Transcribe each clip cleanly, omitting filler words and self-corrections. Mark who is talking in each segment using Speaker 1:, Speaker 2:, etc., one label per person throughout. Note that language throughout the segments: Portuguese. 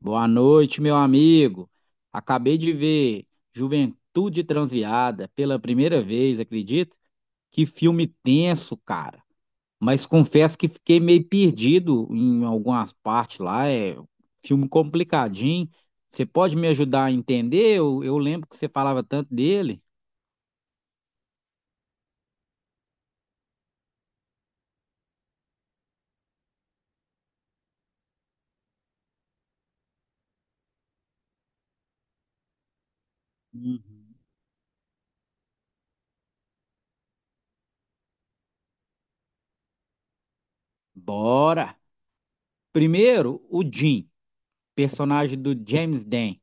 Speaker 1: Boa noite, meu amigo. Acabei de ver Juventude Transviada pela primeira vez, acredita? Que filme tenso, cara. Mas confesso que fiquei meio perdido em algumas partes lá. É filme complicadinho. Você pode me ajudar a entender? Eu lembro que você falava tanto dele. Uhum. Bora! Primeiro, o Jim, personagem do James Dan.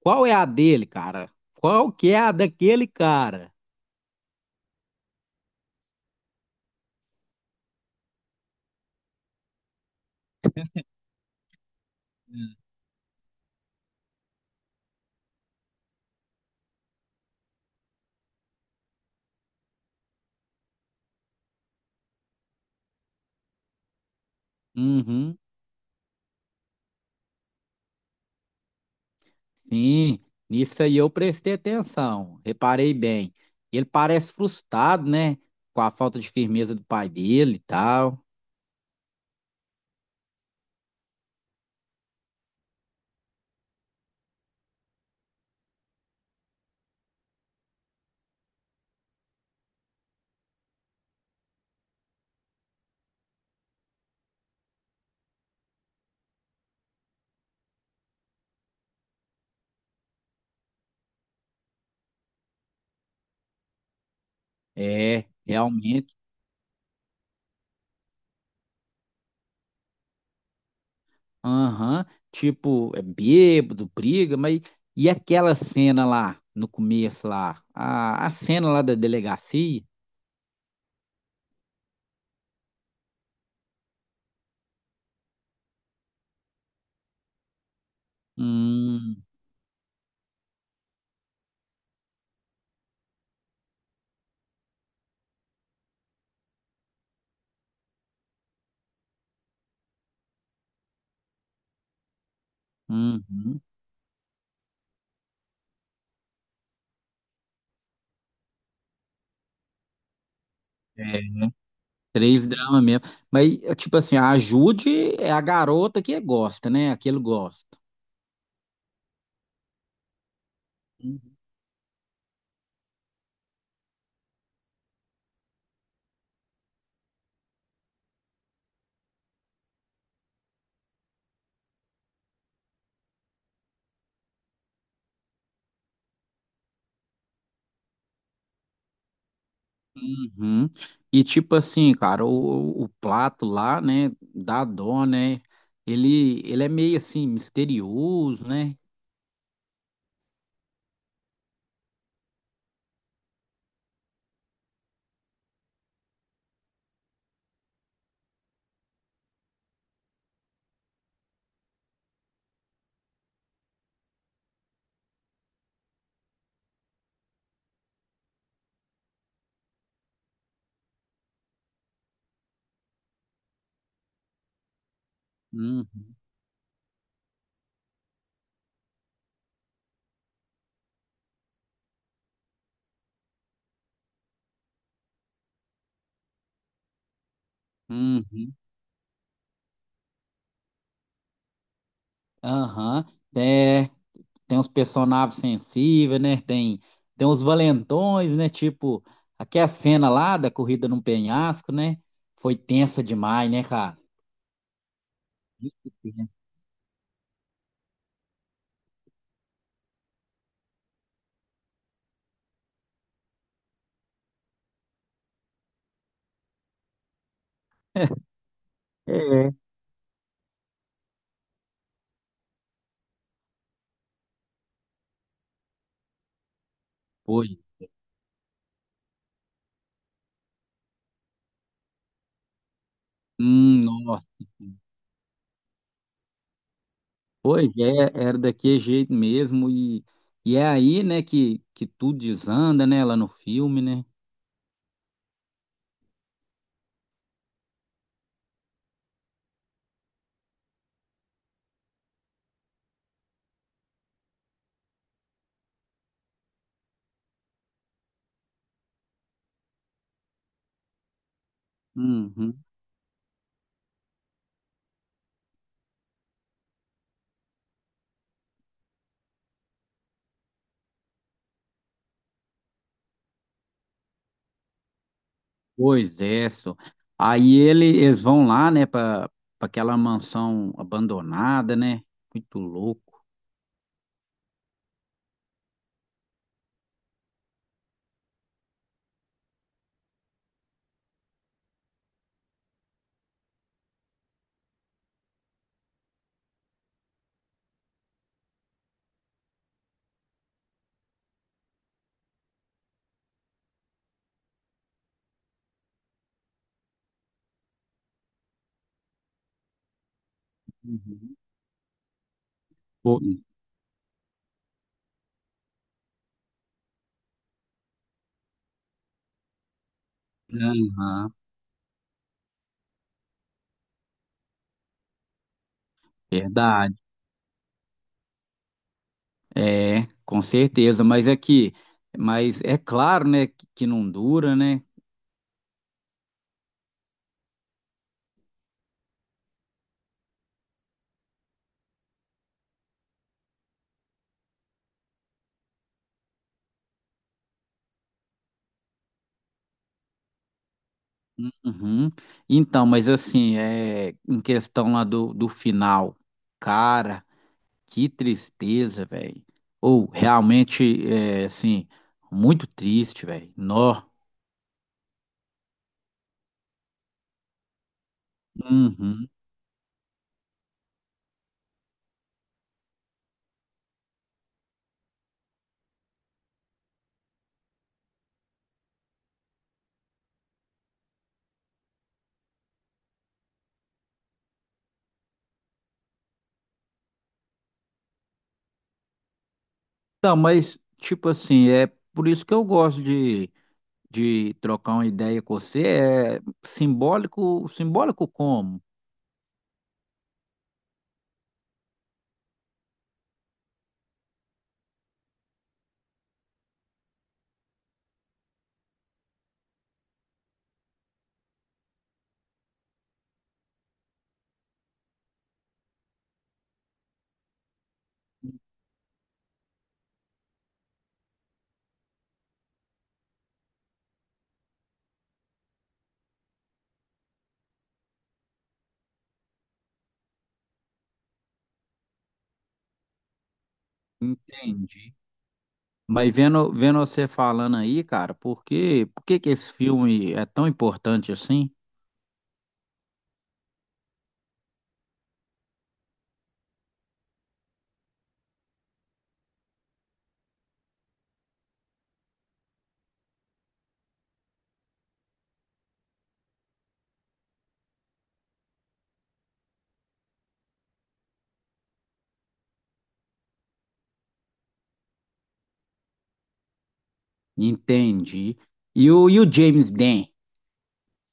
Speaker 1: Qual é a dele, cara? Qual que é a daquele cara? Uhum. Sim, nisso aí eu prestei atenção, reparei bem. Ele parece frustrado, né? Com a falta de firmeza do pai dele e tal. É, realmente. Aham. Tipo, é bêbado, briga, mas. E aquela cena lá, no começo lá? A cena lá da delegacia? Hum, uhum. É, três dramas mesmo. Mas, é tipo assim, a Jude é a garota que gosta, né? Aquele gosta. Uhum. Uhum. E tipo assim, cara, o Plato lá, né, da dó, né, ele é meio assim, misterioso, né? Uhum. Uhum. Aham. É, tem uns personagens sensíveis, né, tem, tem uns valentões, né, tipo, aquela cena lá da corrida num penhasco, né, foi tensa demais, né, cara? Muito tensa. É. Foi. Nossa. Pois é, era daquele jeito mesmo, e é aí, né, que tudo desanda, né, lá no filme, né? Uhum. Pois é, só. Aí ele, eles vão lá, né, para aquela mansão abandonada, né? Muito louco. Uhum. Pois, é, aham, verdade. É, com certeza, mas é que, mas é claro, né, que não dura, né? Uhum. Então, mas assim, é, em questão lá do final, cara. Que tristeza, velho. Ou realmente, é, assim, muito triste, velho. Nó. Uhum. Não, mas, tipo assim, é por isso que eu gosto de trocar uma ideia com você. É simbólico, simbólico como? Entendi. Mas vendo você falando aí, cara, por que que esse filme é tão importante assim? Entendi. E o James Dean?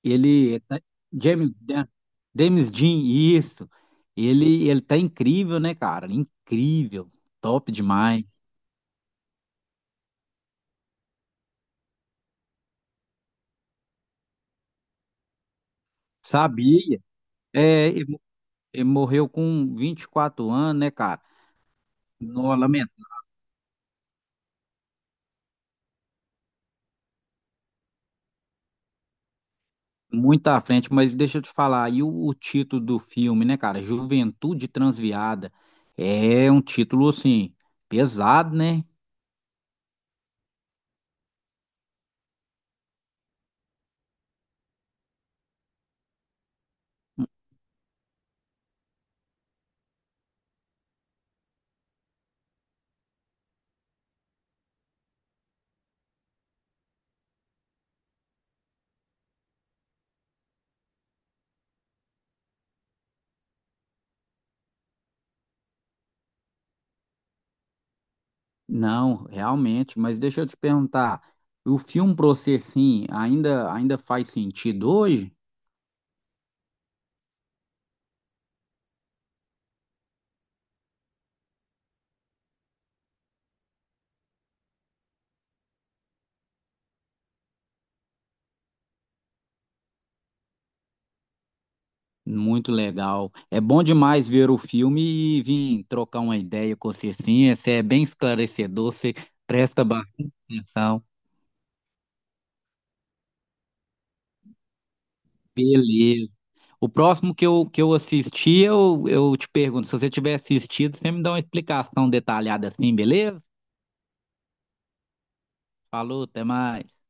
Speaker 1: Ele tá- James Dan, James Dean, isso. Ele tá incrível, né, cara? Incrível, top demais. Sabia? É, ele morreu com 24 anos, né, cara? Não, lamento, muito à frente, mas deixa eu te falar, e o título do filme, né, cara? Juventude Transviada. É um título assim pesado, né? Não, realmente, mas deixa eu te perguntar, o filme pra você assim, ainda ainda faz sentido hoje? Muito legal. É bom demais ver o filme e vir trocar uma ideia com você, sim. Você é bem esclarecedor, você presta bastante atenção. Beleza. O próximo que eu assisti, eu te pergunto, se você tiver assistido, você me dá uma explicação detalhada assim, beleza? Falou, até mais.